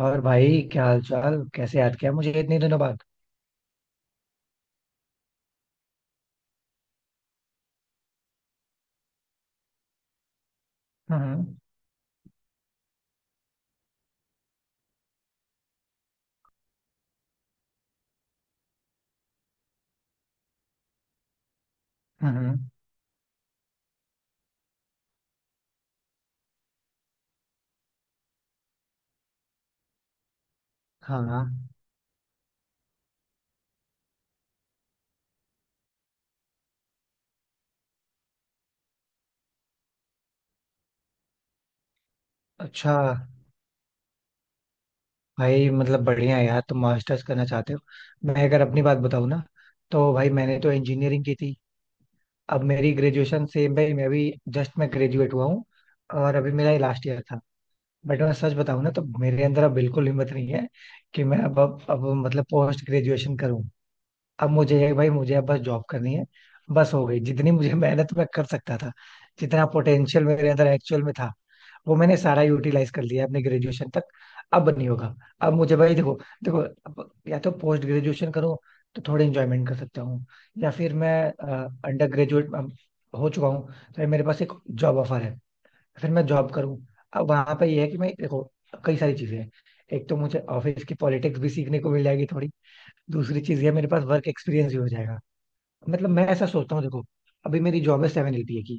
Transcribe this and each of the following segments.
और भाई, क्या हाल चाल? कैसे याद किया मुझे इतने दिनों बाद? हम्म। हम्म। हाँ। अच्छा। भाई, मतलब बढ़िया है यार, तुम मास्टर्स करना चाहते हो। मैं अगर अपनी बात बताऊँ ना, तो भाई, मैंने तो इंजीनियरिंग की थी। अब मेरी ग्रेजुएशन सेम, भाई मैं अभी जस्ट मैं ग्रेजुएट हुआ हूँ। और अभी मेरा ये लास्ट ईयर था। बट मैं सच बताऊँ ना, तो मेरे अंदर अब बिल्कुल हिम्मत नहीं है कि मैं अब मतलब पोस्ट ग्रेजुएशन करूँ। अब मुझे है भाई, मुझे अब बस जॉब करनी है। बस हो गई, जितनी मुझे मेहनत मैं कर सकता था। जितना पोटेंशियल मेरे अंदर एक्चुअल में था, वो मैंने सारा यूटिलाइज कर लिया अपने ग्रेजुएशन तक। अब नहीं होगा। अब मुझे भाई देखो, देखो, अब या तो पोस्ट ग्रेजुएशन करूँ, तो थोड़ी इंजॉयमेंट कर सकता हूँ। या फिर मैं अंडर ग्रेजुएट हो चुका हूँ, तो भाई मेरे पास एक जॉब ऑफर है, फिर मैं जॉब करूँ। अब वहां पे ये है कि मैं देखो, कई सारी चीजें हैं। एक तो मुझे ऑफिस की पॉलिटिक्स भी सीखने को मिल जाएगी थोड़ी। दूसरी चीज ये, मेरे पास वर्क एक्सपीरियंस भी हो जाएगा। मतलब मैं ऐसा सोचता हूँ, देखो अभी मेरी जॉब है 7 एलपीए की।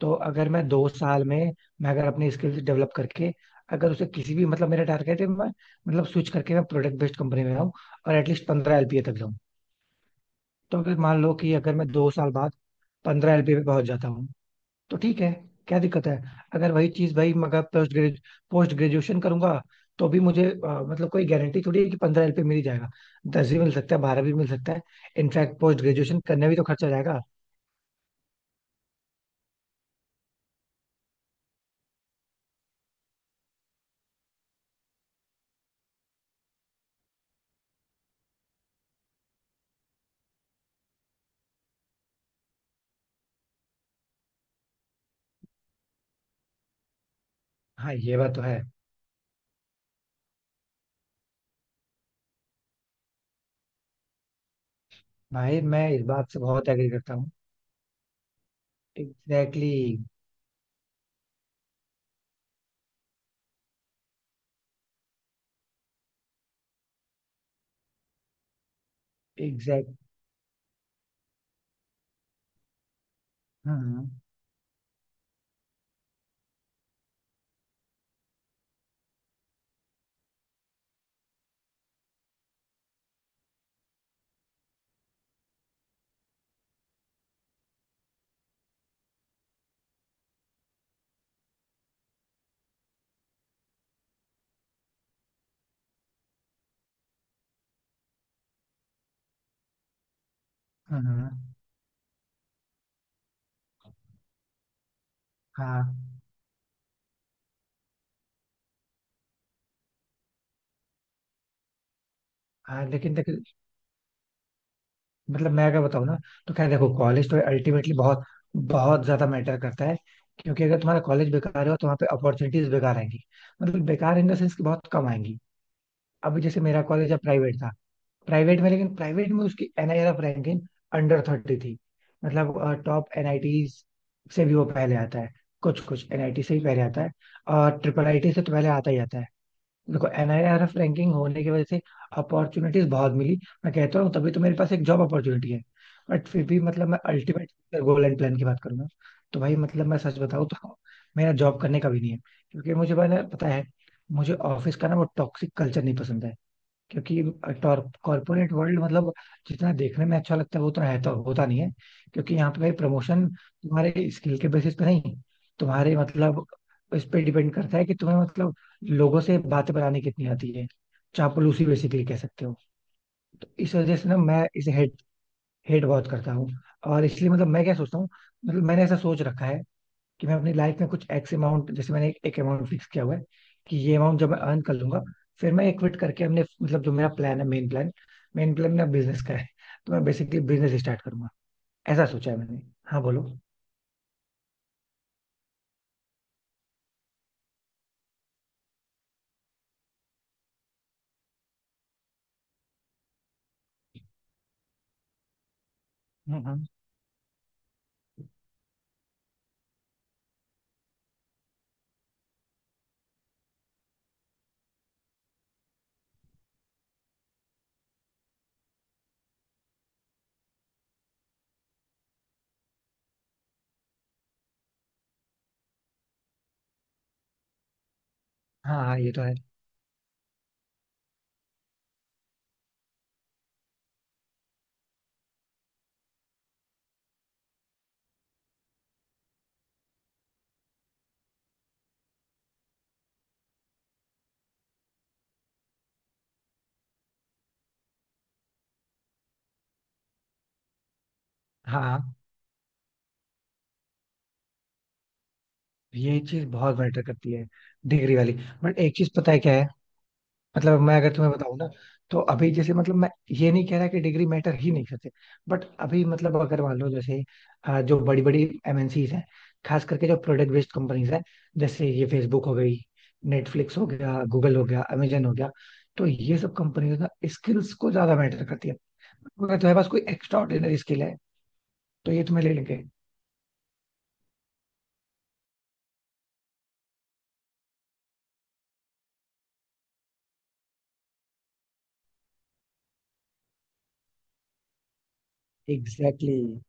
तो अगर मैं 2 साल में, मैं अगर अपनी स्किल्स डेवलप करके, अगर उसे किसी भी मतलब, मेरा टारगेट है, मैं मतलब स्विच करके मैं प्रोडक्ट बेस्ड कंपनी में आऊँ, और एटलीस्ट 15 एलपीए तक जाऊँ। तो अगर मान लो कि अगर मैं दो साल बाद 15 एलपीए पे पहुंच जाता हूँ, तो ठीक है, क्या दिक्कत है? अगर वही चीज भाई, मगर पोस्ट ग्रेजुएशन करूंगा, तो भी मुझे मतलब कोई गारंटी थोड़ी है कि 15 एलपीए मिल ही जाएगा? 10 भी मिल सकता है, 12 भी मिल सकता है। इनफैक्ट पोस्ट ग्रेजुएशन करने भी तो खर्चा जाएगा। हाँ, ये बात तो है। भाई, मैं इस बात से बहुत एग्री करता हूँ। एग्जैक्टली। एग्जैक्ट। हाँ। हाँ। हाँ। हाँ, लेकिन देख, मतलब मैं अगर बताऊँ ना, तो खैर देखो, कॉलेज तो अल्टीमेटली बहुत बहुत ज्यादा मैटर करता है। क्योंकि अगर तुम्हारा कॉलेज बेकार हो, तो वहाँ पे अपॉर्चुनिटीज बेकार आएंगी। मतलब बेकार इन द सेंस कि बहुत कम आएंगी। अभी जैसे मेरा कॉलेज अब प्राइवेट था, प्राइवेट में, लेकिन प्राइवेट में उसकी एनआईआरएफ रैंकिंग अंडर 30 थी। मतलब टॉप एनआईटीज से भी वो पहले आता है। कुछ कुछ एनआईटी से ही पहले आता है। और ट्रिपल आईटी से तो पहले आता ही आता है। देखो, एनआईआरएफ रैंकिंग होने की वजह से अपॉर्चुनिटीज बहुत मिली। मैं कहता हूँ तभी तो मेरे पास एक जॉब अपॉर्चुनिटी है। बट फिर भी मतलब मैं अल्टीमेट गोल एंड प्लान की बात करूंगा, तो भाई मतलब मैं सच बताऊँ, तो मेरा जॉब करने का भी नहीं है। क्योंकि मुझे पता पता है, मुझे ऑफिस का ना वो टॉक्सिक कल्चर नहीं पसंद है। क्योंकि कॉर्पोरेट वर्ल्ड मतलब जितना देखने में अच्छा लगता है, वो उतना है तो होता नहीं है। क्योंकि यहाँ पे प्रमोशन तुम्हारे स्किल के बेसिस पे नहीं, तुम्हारे मतलब इस पे डिपेंड करता है कि तुम्हें मतलब लोगों से बातें बनाने कितनी आती है। चापलूसी बेसिकली कह सकते हो। तो इस वजह से ना मैं इसे हेट हेट बहुत करता हूँ। और इसलिए मतलब मैं क्या सोचता हूँ, मतलब मैंने ऐसा सोच रखा है कि मैं अपनी लाइफ में कुछ एक्स अमाउंट, जैसे मैंने एक अमाउंट फिक्स किया हुआ है, कि ये अमाउंट जब मैं अर्न कर लूंगा, फिर मैं एक क्विट करके अपने मतलब जो मेरा प्लान है, मेन प्लान। मेन प्लान मेरा बिजनेस का है। तो मैं बेसिकली बिजनेस स्टार्ट करूंगा। ऐसा सोचा है मैंने। हाँ, बोलो। हम्म। हम्म। हाँ। हाँ, ये तो है। हाँ, ये चीज बहुत मैटर करती है, डिग्री वाली। बट एक चीज पता है क्या है, मतलब मैं अगर तुम्हें बताऊं ना, तो अभी जैसे मतलब, मैं ये नहीं कह रहा कि डिग्री मैटर ही नहीं करते। बट अभी मतलब अगर मान लो जैसे जो बड़ी बड़ी एमएनसीज हैं, खास करके जो प्रोडक्ट बेस्ड कंपनीज हैं, जैसे ये फेसबुक हो गई, नेटफ्लिक्स हो गया, गूगल हो गया, अमेजन हो गया, तो ये सब कंपनीज ना स्किल्स को ज्यादा मैटर करती है। अगर तुम्हारे पास कोई एक्स्ट्रा ऑर्डिनरी स्किल है, तो ये तुम्हें ले लेंगे। Exactly exactly।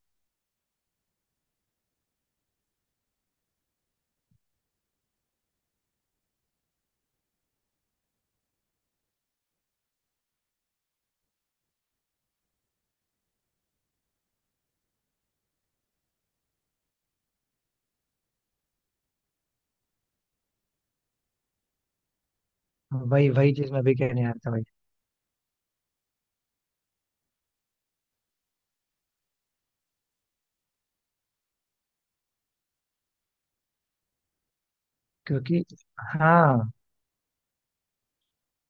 वही वही चीज मैं भी कहने आ रहा था भाई, क्योंकि हाँ,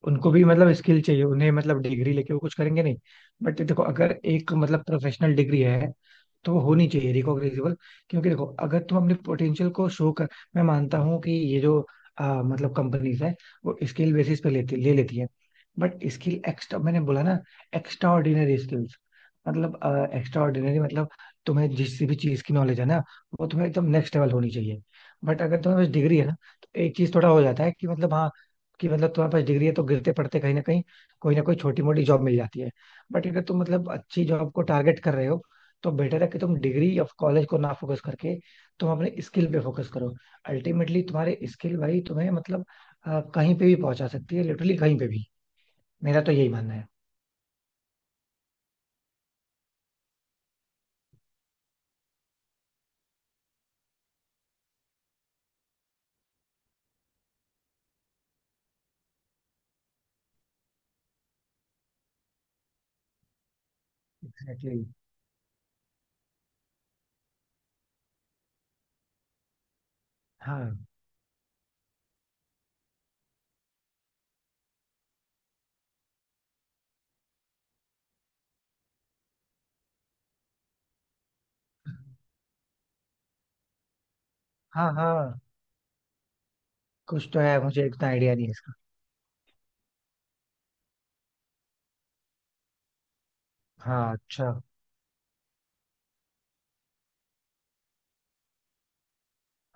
उनको भी मतलब स्किल चाहिए उन्हें, मतलब डिग्री लेके वो कुछ करेंगे नहीं। बट देखो, अगर एक मतलब प्रोफेशनल डिग्री है, तो वो होनी चाहिए रिकॉग्नाइजेबल। क्योंकि देखो अगर तुम अपने पोटेंशियल को शो कर, मैं मानता हूँ कि ये जो मतलब कंपनीज है, वो स्किल बेसिस पे लेती ले लेती है। बट स्किल एक्स्ट्रा मैंने बोला ना, एक्स्ट्रा ऑर्डिनरी स्किल्स, मतलब एक्स्ट्रा ऑर्डिनरी, मतलब तुम्हें जिस भी चीज की नॉलेज है ना, वो तुम्हें एकदम नेक्स्ट लेवल होनी चाहिए। बट अगर तुम्हें बस डिग्री है ना, तो एक चीज थोड़ा हो जाता है कि मतलब हाँ, कि मतलब तुम्हारे पास डिग्री है तो गिरते पड़ते कहीं ना कहीं, कोई ना कोई छोटी मोटी जॉब मिल जाती है। बट अगर तुम मतलब अच्छी जॉब को टारगेट कर रहे हो, तो बेटर है कि तुम डिग्री ऑफ कॉलेज को ना फोकस करके, तुम अपने स्किल पे फोकस करो। अल्टीमेटली तुम्हारे स्किल भाई तुम्हें मतलब कहीं पे भी पहुंचा सकती है, लिटरली कहीं पे भी। मेरा तो यही मानना है। एग्जैक्टली। हाँ। हाँ। हाँ। कुछ तो है, मुझे इतना आइडिया नहीं है इसका। हाँ, अच्छा।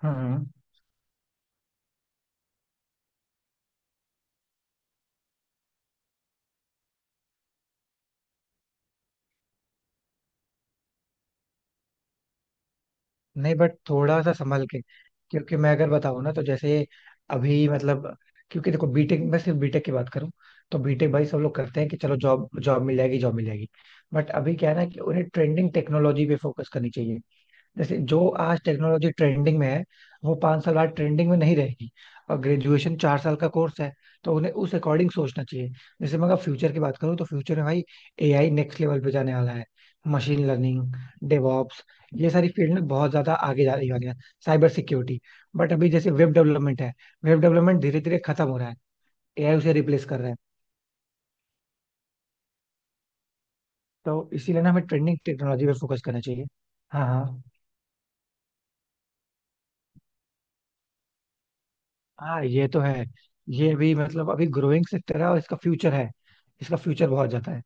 हम्म। नहीं, बट थोड़ा सा संभल के। क्योंकि मैं अगर बताऊं ना, तो जैसे अभी मतलब, क्योंकि देखो बीटेक, मैं सिर्फ बीटेक की बात करूं, तो बीटेक भाई सब लोग करते हैं कि चलो जॉब, जॉब मिल जाएगी, जॉब मिल जाएगी। बट अभी क्या है ना, कि उन्हें ट्रेंडिंग टेक्नोलॉजी पे फोकस करनी चाहिए। जैसे जो आज टेक्नोलॉजी ट्रेंडिंग में है, वो 5 साल बाद ट्रेंडिंग में नहीं रहेगी। और ग्रेजुएशन 4 साल का कोर्स है, तो उन्हें उस अकॉर्डिंग सोचना चाहिए। जैसे मैं अगर फ्यूचर की बात करूँ, तो फ्यूचर में भाई एआई नेक्स्ट लेवल पे जाने वाला है। मशीन लर्निंग, डेवॉप्स, ये सारी फील्ड में बहुत ज्यादा आगे जा रही वाली है। Cyber security. बट अभी जैसे वेब डेवलपमेंट है, वेब डेवलपमेंट धीरे धीरे खत्म हो रहा है। एआई उसे रिप्लेस कर रहा है। तो इसीलिए ना हमें ट्रेंडिंग टेक्नोलॉजी पे फोकस करना चाहिए। हाँ। हाँ। हाँ, ये तो है। ये भी मतलब अभी ग्रोइंग सेक्टर है, और इसका फ्यूचर है। इसका फ्यूचर बहुत ज्यादा है।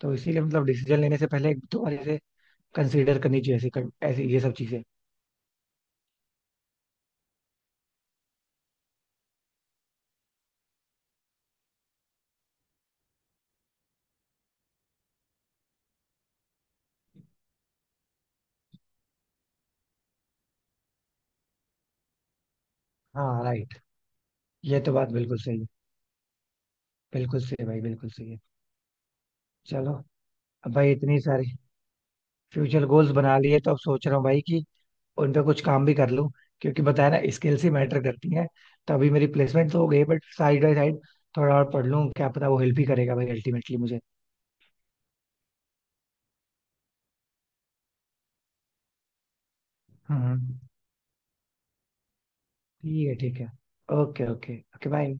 तो इसीलिए मतलब डिसीजन लेने से पहले एक दो बार इसे कंसीडर करनी चाहिए, ऐसी ये सब चीजें। हाँ, राइट। ये तो बात बिल्कुल सही है। बिल्कुल सही है भाई, बिल्कुल सही है। चलो। अब भाई इतनी सारी फ्यूचर गोल्स बना लिए, तो अब सोच रहा हूँ भाई कि उन पे कुछ काम भी कर लूँ। क्योंकि बताया ना, स्किल्स ही मैटर करती हैं। तो अभी मेरी प्लेसमेंट तो हो गई, बट साइड बाई साइड थोड़ा और पढ़ लूँ, क्या पता वो हेल्प ही करेगा भाई अल्टीमेटली मुझे। हम्म। ठीक है। ठीक है। Okay okay okay bye.